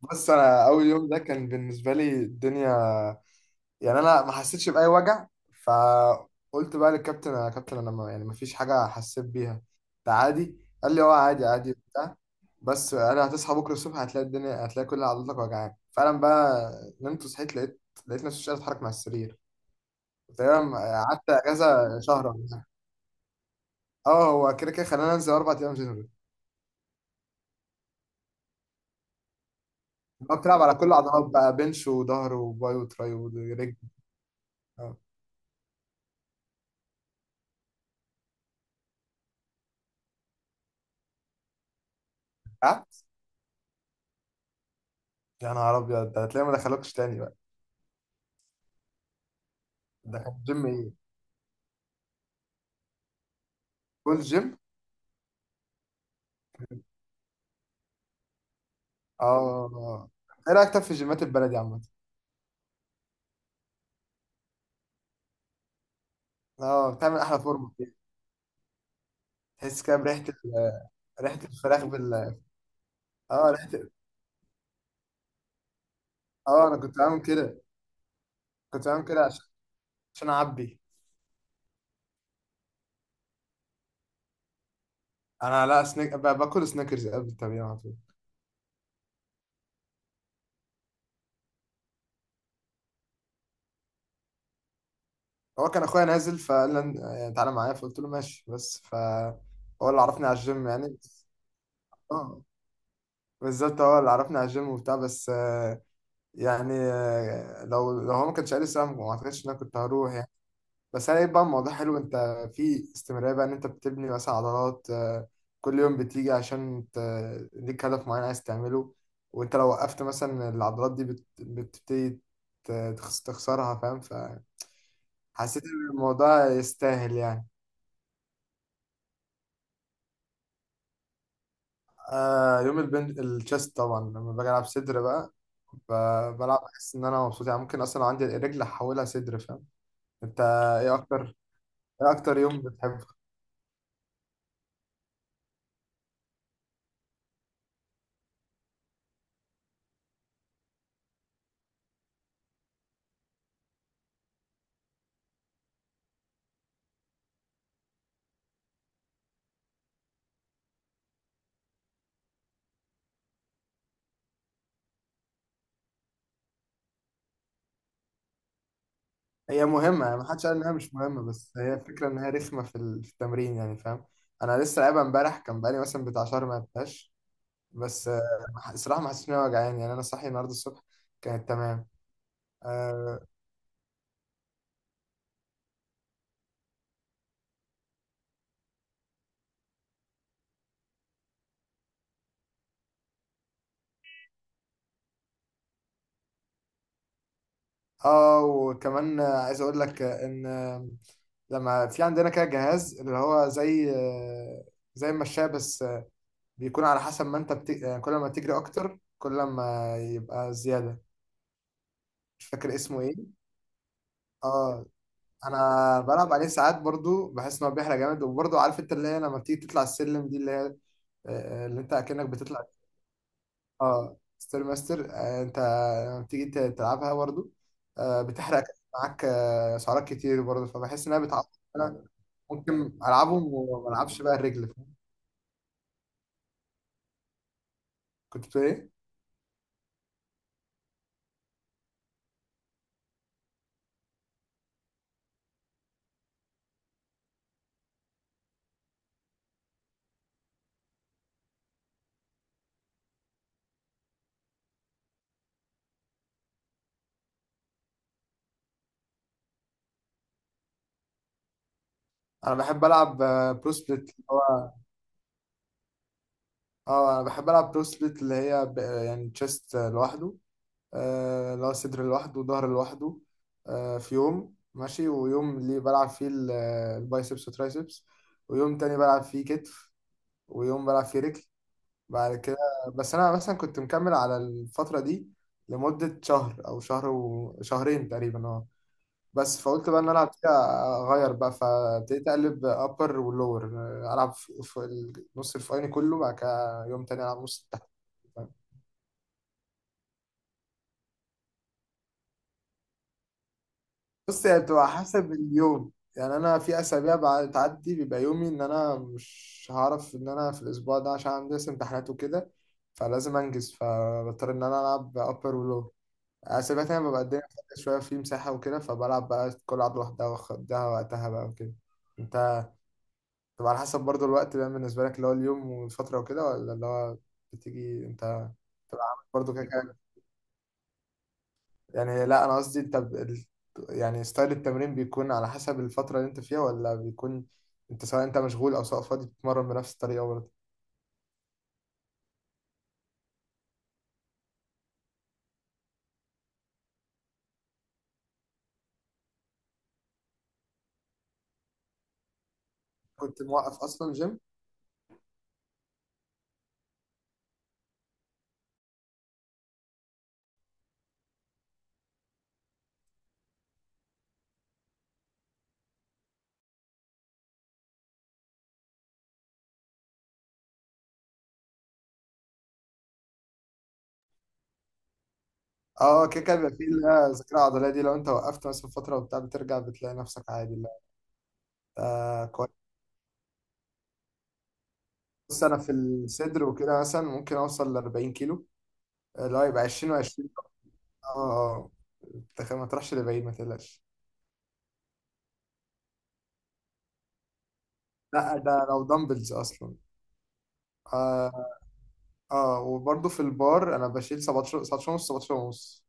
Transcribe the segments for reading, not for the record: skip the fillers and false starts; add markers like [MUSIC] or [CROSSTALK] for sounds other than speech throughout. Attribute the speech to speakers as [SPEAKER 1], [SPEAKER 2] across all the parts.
[SPEAKER 1] بص، انا اول يوم ده كان بالنسبه لي الدنيا، يعني انا ما حسيتش باي وجع. فقلت بقى للكابتن: يا كابتن، انا ما يعني ما فيش حاجه حسيت بيها، ده عادي. قال لي: اه عادي، عادي، بتاع. بس انا هتصحى بكره الصبح هتلاقي الدنيا، هتلاقي كل عضلاتك وجعان فعلا بقى. نمت وصحيت لقيت نفسي مش قادر اتحرك مع السرير. تقريبا قعدت اجازه شهر ولا حاجة. اه، هو كده كده خلاني انزل 4 ايام جنرال. بقى بتلعب على كل العضلات بقى، بنش وظهر وباي وتراي ورجل. اه. أه؟ يا نهار ابيض، ده هتلاقيه ما دخلوكش تاني بقى. ده كان جيم ايه؟ فول جيم؟ اه. ايه رايك طب في جيمات البلدي عامة؟ اه، بتعمل احلى فورمه كده. تحس كده بريحه [LAUGHS] ريحه الفراخ [LAUGHS] اه ريحه [LAUGHS] اه انا كنت بعمل كده، كنت بعمل كده عشان عشان اعبي. انا لا، باكل سنيكرز قبل التمرين على طول. هو كان اخويا نازل فقال لي: تعالى معايا، فقلت له ماشي، بس هو اللي عرفني على الجيم يعني، اه بالظبط، هو اللي عرفني على الجيم وبتاع، بس يعني لو هو ما كانش قال السلام ما اعتقدش ان انا كنت هروح يعني. بس انا بقى الموضوع حلو. انت في استمراريه بقى ان انت بتبني مثلا عضلات، كل يوم بتيجي عشان ليك هدف معين عايز تعمله، وانت لو وقفت مثلا العضلات دي بتبتدي تخسرها، فاهم. فحسيت ان الموضوع يستاهل يعني. يوم البن الشيست طبعا، لما باجي العب صدر بقى بلعب بحس ان انا مبسوط يعني. ممكن اصلا لو عندي الرجل احولها صدر، فاهم. انت، ايه اكتر ايه اكتر يوم بتحبه؟ هي مهمه، يعني محدش قال انها مش مهمه، بس هي الفكره ان هي رخمه في التمرين يعني، فاهم. انا لسه لعبها امبارح، كان بقالي مثلا بتاع شهر ما لعبتهاش. بس آه، ما ح- الصراحه ما حسيتش ان انا وجعان يعني، انا صاحي النهارده الصبح كانت تمام. اه وكمان عايز اقول لك ان لما في عندنا كده جهاز اللي هو زي زي المشاية، بس بيكون على حسب ما انت بت... آه، كل ما تجري اكتر كل ما يبقى زياده. مش فاكر اسمه ايه. اه انا بلعب عليه ساعات برضو، بحس ان هو بيحرق جامد، وبرضو عارف انت اللي هي لما بتيجي تطلع السلم دي اللي هي اللي انت اكنك بتطلع. اه ستير ماستر، انت لما بتيجي تلعبها برضو، بتحرق معاك سعرات كتير برضو، فبحس انها بتعوض. انا ممكن العبهم وما العبش بقى الرجل. كنت بتقول ايه؟ انا بحب العب برو سبليت اللي هو، اه انا بحب العب برو سبليت اللي هي يعني تشيست لوحده، اللي هو صدر لوحده وظهر لوحده، في يوم ماشي ويوم اللي بلعب فيه البايسبس والترايسبس، ويوم تاني بلعب فيه كتف، ويوم بلعب فيه رجل بعد كده. بس أنا مثلا كنت مكمل على الفترة دي لمدة شهر أو شهر وشهرين تقريبا، اه. بس فقلت بقى إن أنا فيها أغير بقى، فابتديت أقلب أبر ولور، ألعب نص الفوقاني كله، بعد كده يوم تاني ألعب نص التحت. بص، هي بتبقى حسب اليوم، يعني انا في اسابيع بتعدي بيبقى يومي ان انا مش هعرف ان انا في الاسبوع ده عشان عندي لسه امتحانات وكده، فلازم انجز، فبضطر ان انا العب ابر ولو. اسابيع تانية ببقى الدنيا فاضية شويه في مساحه وكده، فبلعب بقى كل لعبه لوحدها واخدها وقتها بقى وكده. انت بتبقى على حسب برضو الوقت بقى بالنسبه لك اللي هو اليوم والفتره وكده، ولا اللي هو بتيجي انت برضو كده كده يعني؟ لا انا قصدي انت يعني ستايل التمرين بيكون على حسب الفترة اللي انت فيها، ولا بيكون انت سواء انت مشغول او سواء فاضي بتتمرن بنفس الطريقة برضه؟ كنت موقف اصلا جيم. اه كده كده بيبقى فيه اللي هي الذاكرة العضلية دي، لو انت وقفت مثلا فترة وبتاع بترجع بتلاقي نفسك عادي، لا. آه كويس. بس انا في الصدر وكده مثلا ممكن اوصل ل 40 كيلو، اللي هو يبقى 20 و20. اه اه. أنت ما تروحش لبعيد، ما تقلقش. لا ده لو دمبلز اصلا، آه، اه وبرضه في البار انا بشيل 17، 17 ونص، 17 ونص.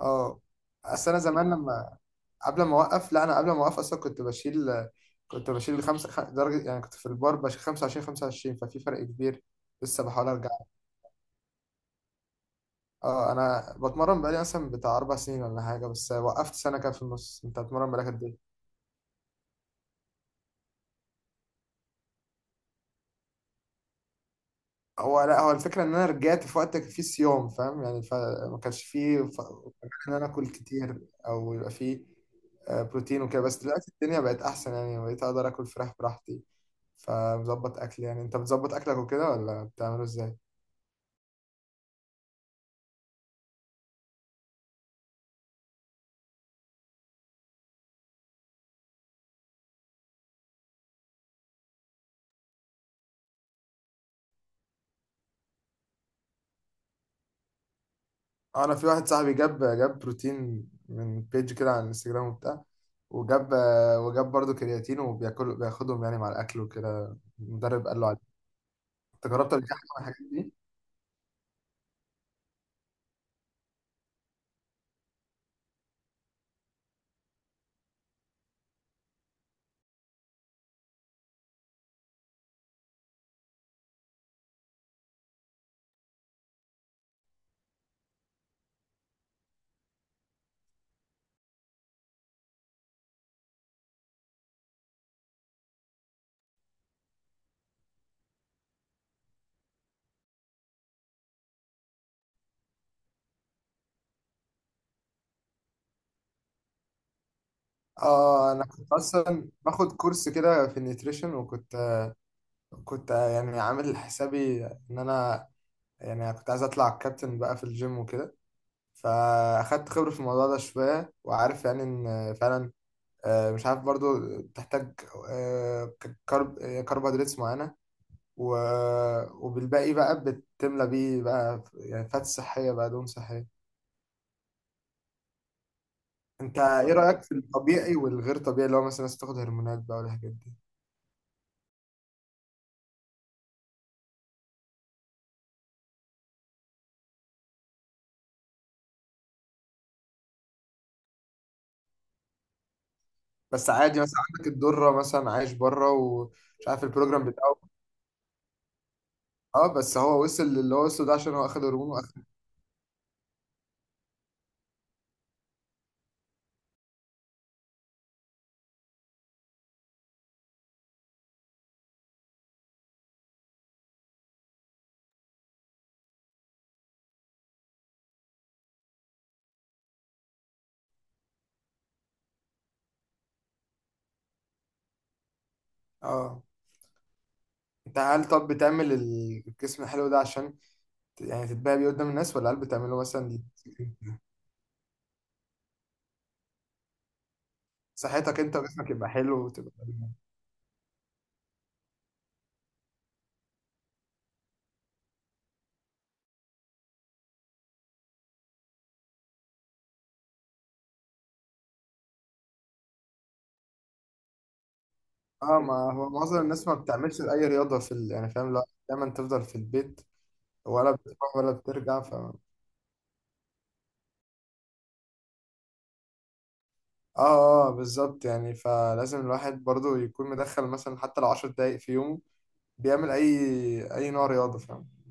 [SPEAKER 1] اه. اصل انا زمان لما قبل ما اوقف، لا انا قبل ما اوقف اصلا كنت بشيل، خمسة درجة يعني، كنت في البار بشيل 25، 25. ففي فرق كبير، لسه بحاول ارجع. اه انا بتمرن بقالي مثلا بتاع 4 سنين ولا حاجة، بس وقفت سنة كده في النص. انت بتتمرن بقالك قد ايه؟ هو لا، هو الفكره ان انا رجعت في وقت كان فيه صيام، فاهم يعني، فما كانش فيه ان انا اكل كتير او يبقى فيه بروتين وكده. بس دلوقتي الدنيا بقت احسن يعني، بقيت اقدر اكل فراخ براحتي. فمظبط اكل يعني، انت بتظبط اكلك وكده ولا بتعمله ازاي؟ انا في واحد صاحبي جاب بروتين من بيج كده على الانستجرام وبتاع، وجاب برضه كرياتين، بياخدهم يعني مع الاكل وكده، المدرب قال له عليه. انت جربت قبل كده حاجة من الحاجات دي؟ اه انا كنت اصلا باخد كورس كده في النيوتريشن، وكنت يعني عامل حسابي ان انا، يعني كنت عايز اطلع كابتن بقى في الجيم وكده، فاخدت خبرة في الموضوع ده شوية وعارف يعني ان فعلا، مش عارف برضو تحتاج كربوهيدرات معينة، و- وبالباقي بقى بتملى بيه بقى يعني، فات صحية بقى، دهون صحية. انت ايه رأيك في الطبيعي والغير طبيعي اللي هو مثلا الناس بتاخد هرمونات بقى والحاجات دي؟ بس عادي مثلا عندك الدرة، مثلا عايش بره ومش عارف البروجرام بتاعه. اه بس هو وصل للي هو وصله ده عشان هو اخد هرمون واخد. اه. انت هل طب بتعمل الجسم الحلو ده عشان يعني تتباهى بيه قدام الناس، ولا هل بتعمله مثلا دي صحتك انت وجسمك يبقى حلو وتبقى؟ اه. ما هو معظم الناس ما بتعملش اي رياضة يعني، فاهم. لا دايما تفضل في البيت، ولا بتروح ولا بترجع، ف اه اه بالظبط يعني، فلازم الواحد برضو يكون مدخل مثلا حتى لو 10 دقايق في يومه، بيعمل اي نوع رياضه، فاهم.